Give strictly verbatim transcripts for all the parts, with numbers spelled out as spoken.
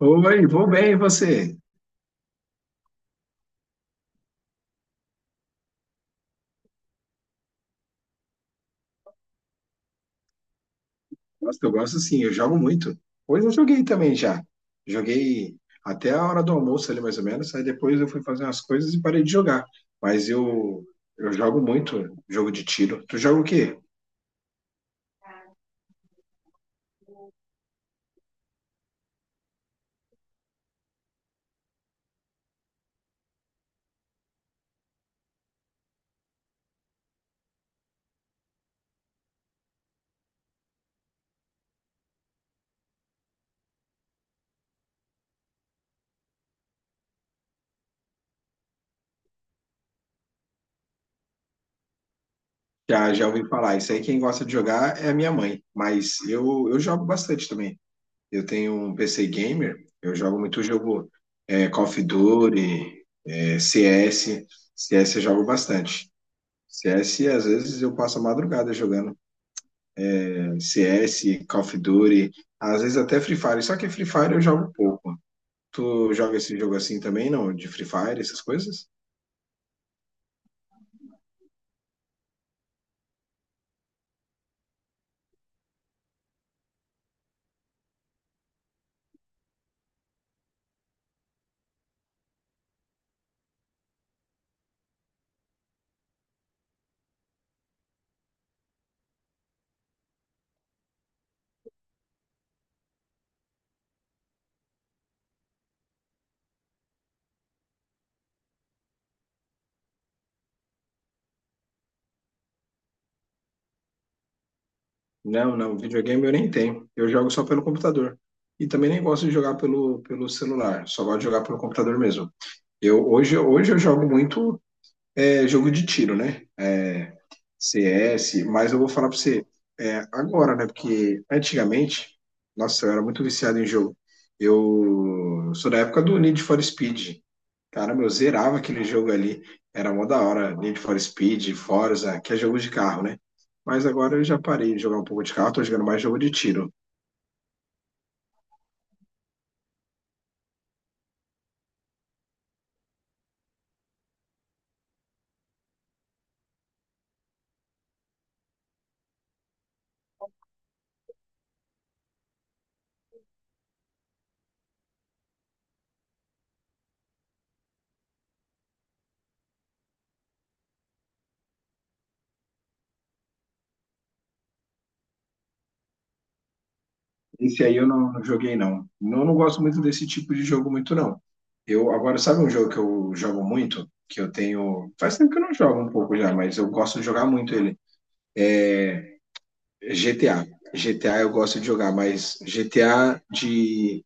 Oi, vou bem, e você? Gosto, eu gosto sim, eu jogo muito. Hoje eu joguei também já. Joguei até a hora do almoço ali, mais ou menos. Aí depois eu fui fazer umas coisas e parei de jogar. Mas eu, eu jogo muito jogo de tiro. Tu joga o quê? Já, já ouvi falar. Isso aí quem gosta de jogar é a minha mãe. Mas eu, eu jogo bastante também. Eu tenho um P C gamer, eu jogo muito jogo é, Call of Duty, é, C S. C S eu jogo bastante. C S, às vezes, eu passo a madrugada jogando. C S, Call of Duty, às vezes até Free Fire. Só que Free Fire eu jogo pouco. Tu joga esse jogo assim também, não? De Free Fire, essas coisas? Não, não. Videogame eu nem tenho. Eu jogo só pelo computador. E também nem gosto de jogar pelo, pelo celular. Só gosto de jogar pelo computador mesmo. Eu, hoje, hoje eu jogo muito é, jogo de tiro, né? É, C S, mas eu vou falar pra você é, agora, né? Porque antigamente, nossa, eu era muito viciado em jogo. Eu sou da época do Need for Speed. Caramba, eu zerava aquele jogo ali. Era mó da hora. Need for Speed, Forza, que é jogo de carro, né? Mas agora eu já parei de jogar um pouco de carro, tô jogando mais jogo de tiro. Esse aí eu não, não joguei, não. Eu não gosto muito desse tipo de jogo, muito, não. Eu, agora, sabe um jogo que eu jogo muito? Que eu tenho. Faz tempo que eu não jogo um pouco já, mas eu gosto de jogar muito ele. G T A. G T A eu gosto de jogar, mas G T A de.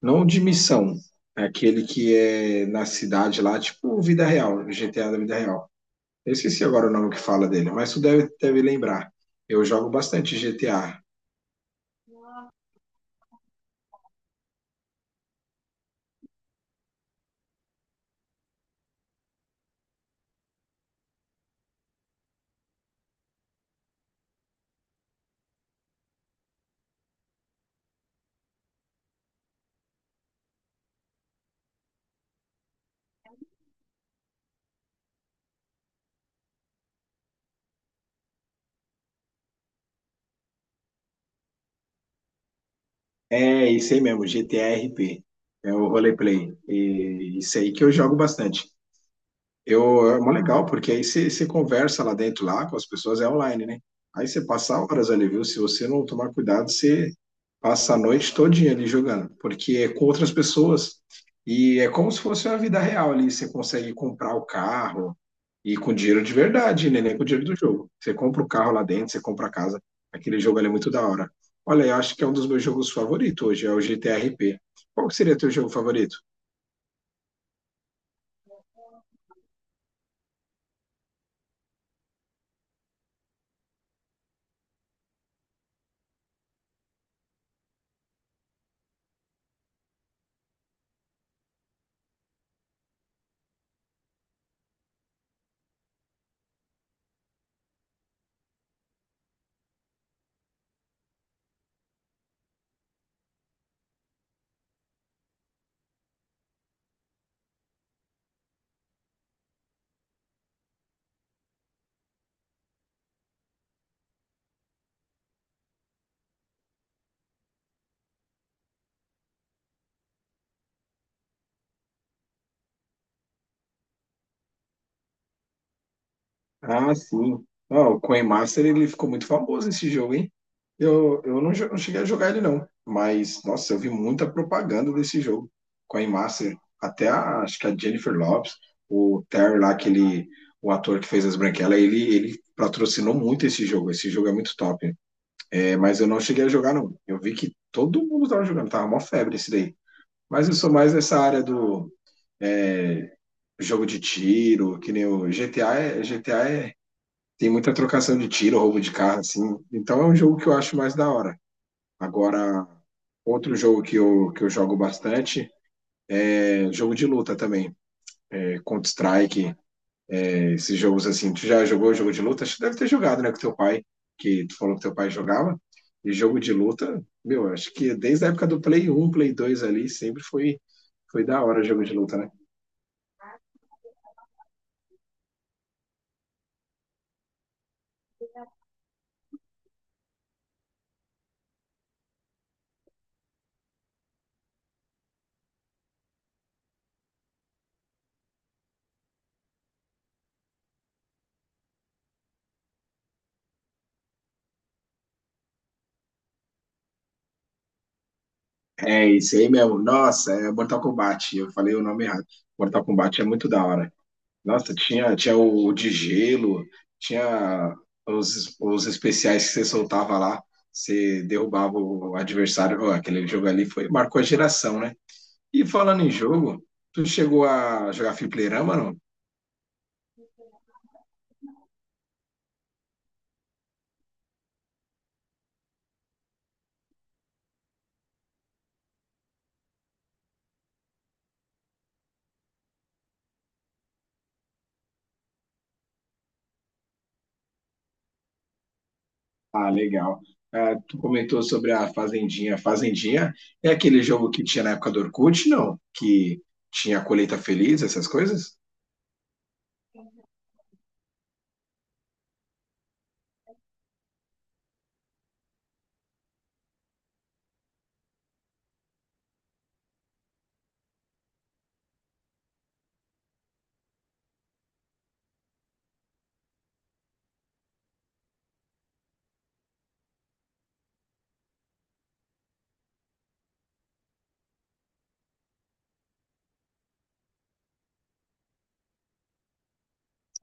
Não de missão. É aquele que é na cidade lá, tipo vida real, G T A da vida real. Eu esqueci agora o nome que fala dele, mas tu deve, deve lembrar. Eu jogo bastante G T A. É, isso aí mesmo, G T A R P. É o roleplay. E isso aí que eu jogo bastante. Eu, é mó legal, porque aí você você conversa lá dentro, lá com as pessoas, é online, né? Aí você passa horas ali, viu? Se você não tomar cuidado, você passa a noite todinha ali jogando, porque é com outras pessoas e é como se fosse uma vida real ali. Você consegue comprar o carro e com dinheiro de verdade, né? Nem com dinheiro do jogo. Você compra o carro lá dentro, você compra a casa. Aquele jogo ali é muito da hora. Olha, eu acho que é um dos meus jogos favoritos hoje, é o G T R P. Qual que seria teu jogo favorito? Ah, sim. Ah, o Coin Master ele ficou muito famoso esse jogo, hein? Eu, eu não, jo- não cheguei a jogar ele, não. Mas, nossa, eu vi muita propaganda desse jogo. Coin Master. Até a, acho que a Jennifer Lopez, o Terry lá, aquele, o ator que fez as branquelas, ele, ele patrocinou muito esse jogo. Esse jogo é muito top. É, mas eu não cheguei a jogar, não. Eu vi que todo mundo tava jogando, tava mó febre esse daí. Mas eu sou mais nessa área do é, jogo de tiro, que nem o G T A, é- G T A tem muita trocação de tiro, roubo de carro, assim. Então é um jogo que eu acho mais da hora. Agora, outro jogo que eu, que eu jogo bastante é jogo de luta também. É Counter-Strike, é esses jogos assim. Tu já jogou jogo de luta? Acho que deve ter jogado, né, com teu pai, que tu falou que teu pai jogava. E jogo de luta, meu, acho que desde a época do Play um, Play dois ali, sempre foi, foi da hora jogo de luta, né? É isso aí mesmo. Nossa, é Mortal Kombat. Eu falei o nome errado. Mortal Kombat é muito da hora. Nossa, tinha, tinha o de gelo, tinha os, os especiais que você soltava lá, você derrubava o adversário. Ó, aquele jogo ali foi, marcou a geração, né? E falando em jogo, tu chegou a jogar fliperama, não? Ah, legal. Ah, tu comentou sobre a Fazendinha. Fazendinha é aquele jogo que tinha na época do Orkut, não? Que tinha a colheita feliz, essas coisas?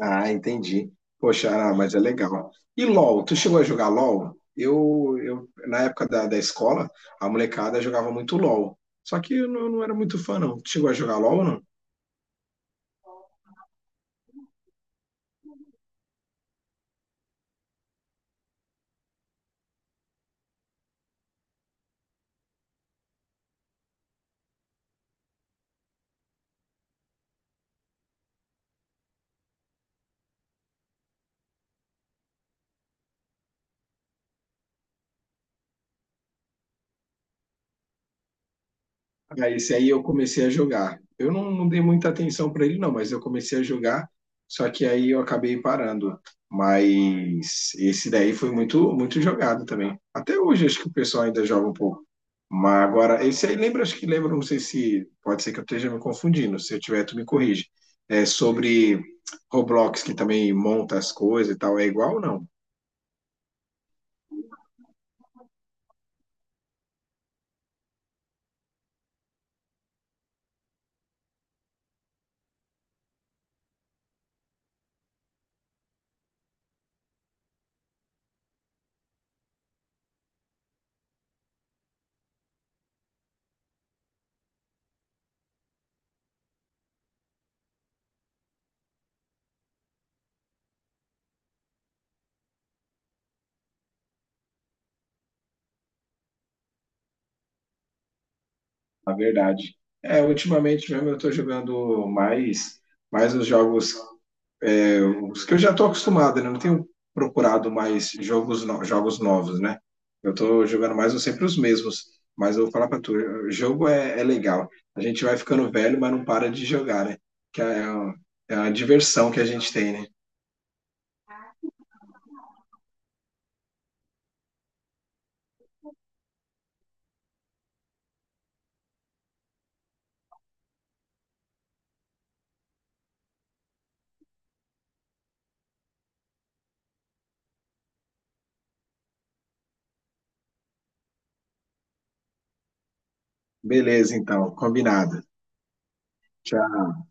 Ah, entendi. Poxa, ah, mas é legal. E LOL, tu chegou a jogar LOL? Eu, eu na época da, da escola, a molecada jogava muito LOL. Só que eu não, não era muito fã, não. Tu chegou a jogar LOL, ou não? Ah, esse aí eu comecei a jogar. Eu não, não dei muita atenção para ele, não, mas eu comecei a jogar, só que aí eu acabei parando. Mas esse daí foi muito, muito jogado também. Até hoje acho que o pessoal ainda joga um pouco. Mas agora, esse aí lembra, acho que lembra, não sei se pode ser que eu esteja me confundindo, se eu tiver, tu me corrige. É sobre Roblox, que também monta as coisas e tal, é igual ou não? Na verdade. É, ultimamente mesmo eu tô jogando mais mais os jogos os que eu já estou acostumado, né? Eu não tenho procurado mais jogos, no- jogos novos, né? Eu estou jogando mais ou sempre os mesmos. Mas eu vou falar para tu, o jogo é, é legal. A gente vai ficando velho, mas não para de jogar, né? Que é, é uma diversão que a gente tem, né? Beleza, então, combinado. Tchau.